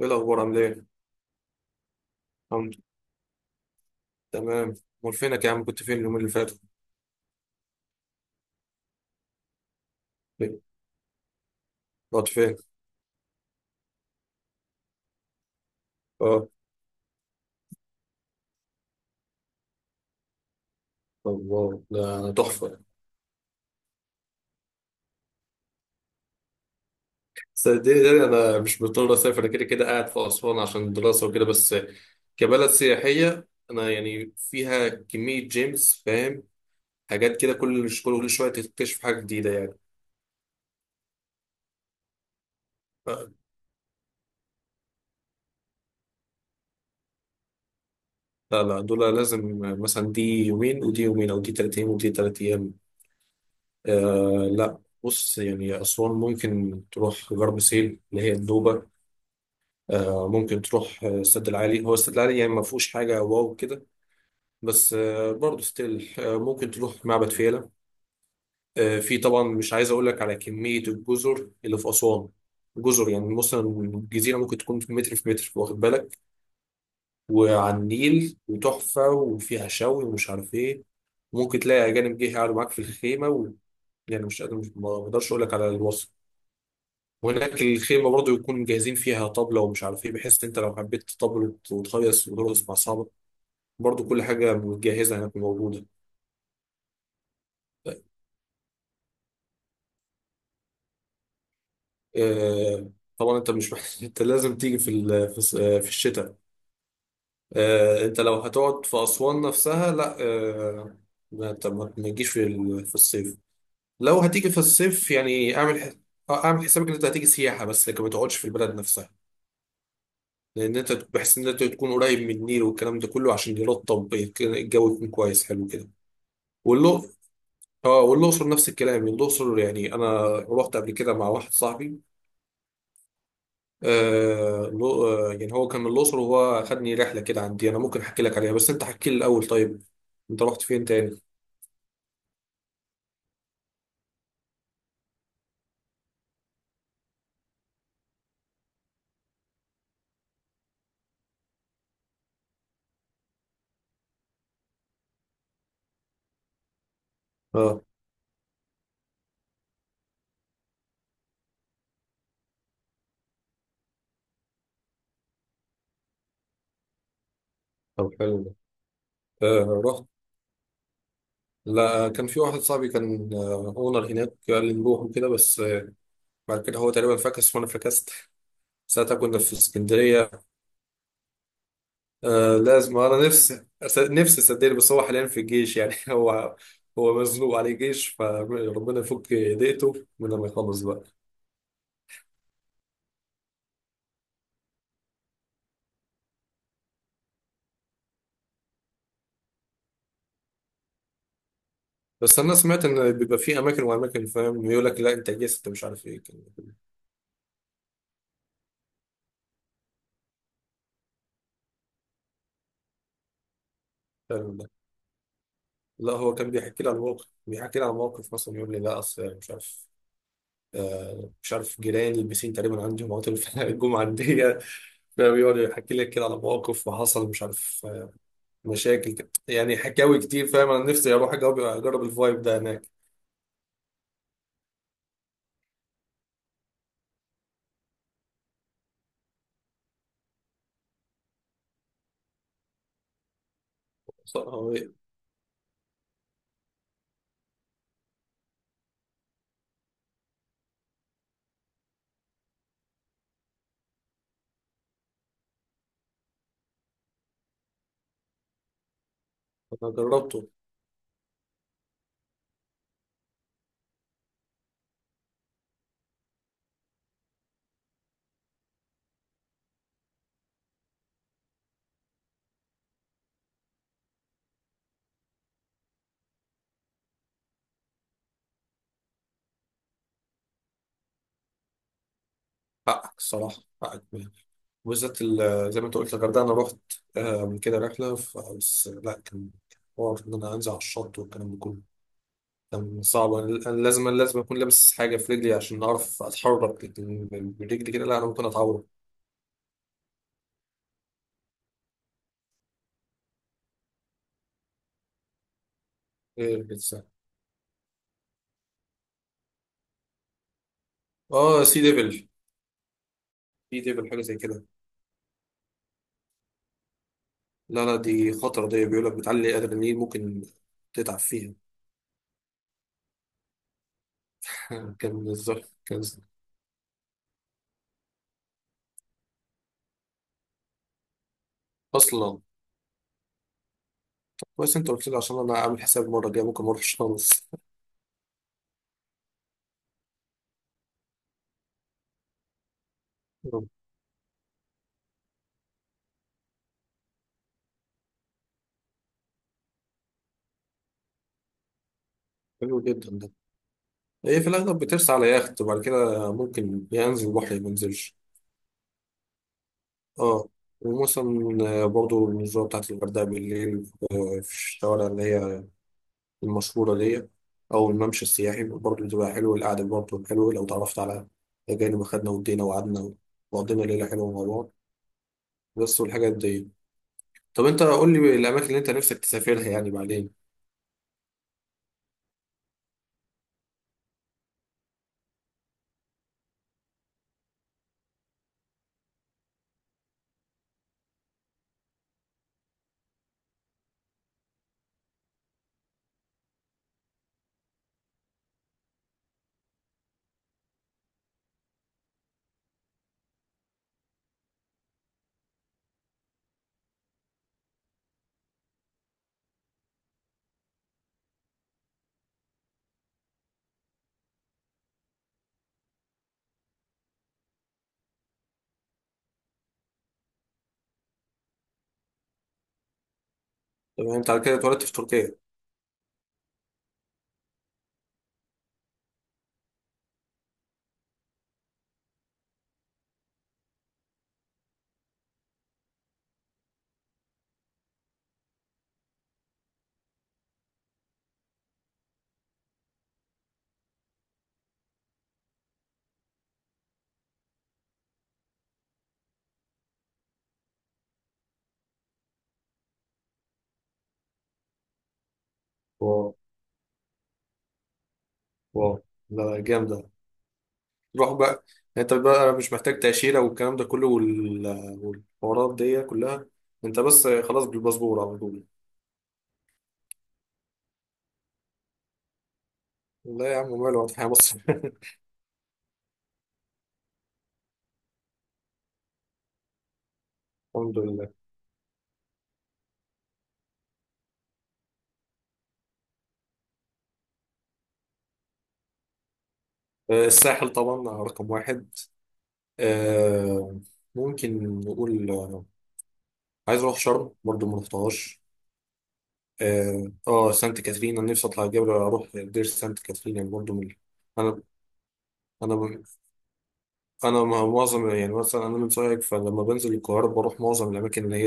ايه الاخبار عامل ايه؟ الحمد لله. تمام. امال فينك يا عم؟ كنت فين اليومين اللي فاتوا؟ فين؟ رحت فين؟ اه. الله ده انا تحفه. صدقني ده انا مش مضطر اسافر، انا كده كده قاعد في اسوان عشان الدراسه وكده، بس كبلد سياحيه انا يعني فيها كميه جيمس، فاهم؟ حاجات كده، كل كل شويه تكتشف حاجه جديده يعني. آه، لا لا، دول لازم مثلا دي يومين ودي يومين، او دي تلات ايام ودي تلات ايام. آه لا. بص يعني اسوان ممكن تروح غرب سهيل اللي هي النوبه، ممكن تروح السد العالي، هو السد العالي يعني ما فيهوش حاجة واو كده، بس برضه ستيل ممكن تروح معبد فيلة. في طبعا، مش عايز أقول لك على كمية الجزر اللي في أسوان. جزر يعني مثلا الجزيرة ممكن تكون في متر في متر، واخد بالك؟ وعلى النيل وتحفة وفيها شوي ومش عارف إيه. ممكن تلاقي أجانب جه يقعدوا معاك في الخيمة و... يعني مش قادر، مش ما أقدرش أقول لك على الوصف. وهناك الخيمة برضه يكون جاهزين فيها طبلة ومش عارف إيه، بحيث إن أنت لو حبيت تطبل وتخيص وترقص مع أصحابك، برضو كل حاجة متجهزة هناك موجودة. آه، طبعا انت مش محتاج انت لازم تيجي في ال- في الس- آه، في الشتاء انت لو هتقعد في أسوان نفسها لا، آه، ما انت ما تجيش في الصيف. لو هتيجي في الصيف يعني اعمل اعمل حسابك ان انت هتيجي سياحة بس، لكن ما تقعدش في البلد نفسها، لان انت بحيث ان انت تكون قريب من النيل والكلام ده كله عشان يرطب الجو يكون كويس حلو كده. واللو، اه، والاقصر نفس الكلام. الاقصر يعني انا رحت قبل كده مع واحد صاحبي، يعني هو كان من الأقصر، وهو خدني رحلة كده، عندي أنا ممكن أحكي لك عليها، بس أنت حكي لي الأول. طيب أنت رحت فين تاني؟ أه. طب حلو ده. آه رحت، لا كان في واحد صاحبي كان أونر هناك، قال لي نروح وكده، بس آه، بعد كده هو تقريبا فكس وأنا فكست. ساعتها كنا في اسكندرية. آه لازم، أنا نفسي نفسي صدقني، بس هو حاليا في الجيش يعني هو هو مزنوق عليه جيش، فربنا يفك ضيقته من لما يخلص بقى. بس انا سمعت ان بيبقى في اماكن واماكن، فاهم؟ يقول لك لا انت جاي انت مش عارف ايه كان، فاهم ده. لا هو كان بيحكي لي عن موقف، بيحكي لي عن موقف مثلا، يقول لي لا اصل مش عارف، آه مش عارف، جيراني البسين تقريبا عندي، مواطن في الجمعه عندي، فاهم؟ يقعد يحكي لك كده على مواقف وحصل مش عارف مشاكل كده. يعني حكاوي كتير، فاهم، انا نفسي اروح أجرب الفايب ده هناك صراحة. انا جربته، حقك الصراحه، حقك. وبالذات زي ما انت قلت الغردقه، انا رحت من كده رحله، بس لا، كان حوار ان انا انزل على الشط والكلام ده كله. كان صعب، أنا لازم اكون لابس حاجه في رجلي عشان اعرف اتحرك، لكن برجلي كده لا، انا ممكن اتعور. إيه الإنسان؟ اه سي ديفل، سي ديفل، حاجه زي كده. لا لا، دي خطره دي، بيقول لك بتعلي ادرينالين، ممكن تتعب فيها. كان بالظبط، كان اصلا. كويس انت قلت لي، عشان انا عامل حساب المره الجايه ممكن ما اروحش خالص. حلو جدا ده. هي في الأغلب بترسى على يخت، وبعد كده ممكن يا ينزل البحر يا ما ينزلش. اه. ومثلا برضو النزهة بتاعت الغردقة بالليل، في الشوارع اللي هي المشهورة دي، أو الممشى السياحي، برضو بتبقى حلو، القعدة برضو حلوة لو تعرفت على أجانب، أخدنا ودينا وقعدنا وقضينا ليلة حلوة مع بعض، بس والحاجات دي. طب أنت قول لي الأماكن اللي أنت نفسك تسافرها يعني بعدين. طب أنت على كده اتولدت في تركيا؟ واو. واو، ده جامدة. روح بقى يعني، انت بقى مش محتاج تأشيرة والكلام ده كله والحوارات دي كلها، انت بس خلاص بالباسبور على طول. لا يا عم، ماله، واضح يا مصر. الحمد لله. الساحل طبعا، رقم واحد. آه، ممكن نقول عايز اروح شرم برضه، ما رحتهاش. اه، سانت كاترين، انا نفسي اطلع الجبل، اروح دير سانت كاترين، يعني برضه من انا، انا انا معظم يعني، مثلا انا من سوهاج، فلما بنزل القاهره بروح معظم الاماكن اللي هي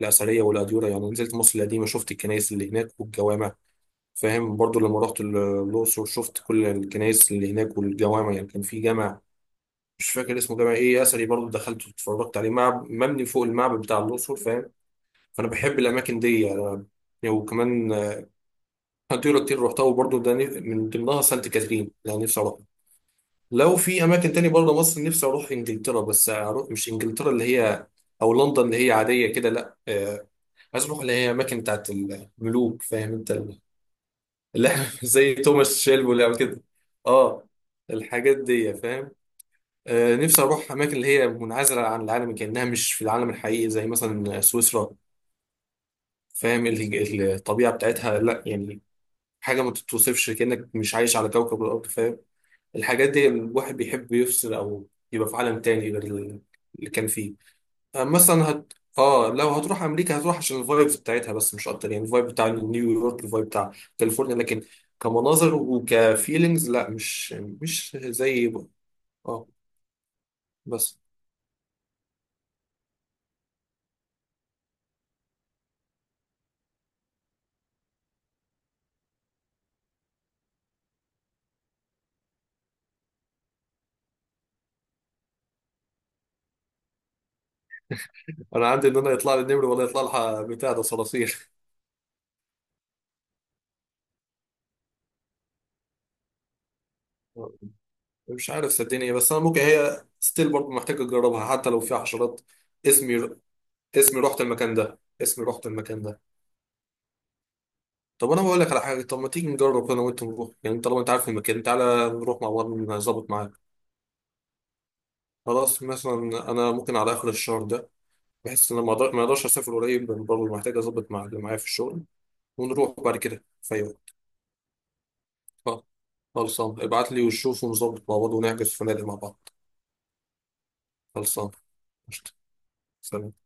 الأثرية والأديرة، يعني نزلت مصر القديمة، شفت الكنائس اللي هناك والجوامع، فاهم؟ برضو لما رحت الأقصر شفت كل الكنائس اللي هناك والجوامع، يعني كان في جامع مش فاكر اسمه، جامع ايه أثري، برضو دخلت واتفرجت عليه، معب مبني فوق المعبد بتاع الأقصر، فاهم؟ فأنا بحب الأماكن دي يعني. يعني وكمان أديرة كتير رحتها، وبرضو ده من ضمنها سانت كاترين اللي أنا نفسي أروحها. لو في أماكن تاني برضه مصر، نفسي أروح إنجلترا، بس أروح مش إنجلترا اللي هي أو لندن اللي هي عادية كده، لا، حسبه اللي هي اماكن بتاعت الملوك، فاهم انت اللي احنا زي توماس شيلبي اللي عمل كده. اه، الحاجات دي، فاهم؟ آه نفسي اروح اماكن اللي هي منعزله عن العالم، كانها مش في العالم الحقيقي، زي مثلا سويسرا، فاهم الطبيعه بتاعتها لا يعني، حاجه ما تتوصفش، كانك مش عايش على كوكب الارض، فاهم؟ الحاجات دي الواحد بيحب يفصل او يبقى في عالم تاني غير اللي كان فيه. مثلا هت... اه لو هتروح امريكا هتروح عشان الفايبز بتاعتها بس، مش اكتر، يعني الفايب بتاع نيويورك، الفايب بتاع كاليفورنيا، لكن كمناظر وكفيلينجز لا، مش زي. اه. بس انا عندي ان انا يطلع لي النمر ولا يطلع لها بتاع ده صراصير. مش عارف صدقني، بس انا ممكن هي ستيل برضه محتاجه اجربها حتى لو فيها حشرات. اسمي، رحت المكان ده، اسمي رحت المكان ده. طب انا بقول لك على حاجه، طب ما تيجي نجرب انا وانت نروح، يعني طالما انت عارف المكان تعالى نروح مع بعض، نظبط معاك. خلاص، مثلا انا ممكن على اخر الشهر ده، بحس ان انا ما اقدرش اسافر قريب لأن برضه محتاج اظبط مع اللي معايا في الشغل، ونروح بعد كده في أي وقت. خلاص. خلصان، ابعت لي وشوف، ونظبط مع بعض ونحجز فنادق مع بعض. خلصان. قشطة. سلام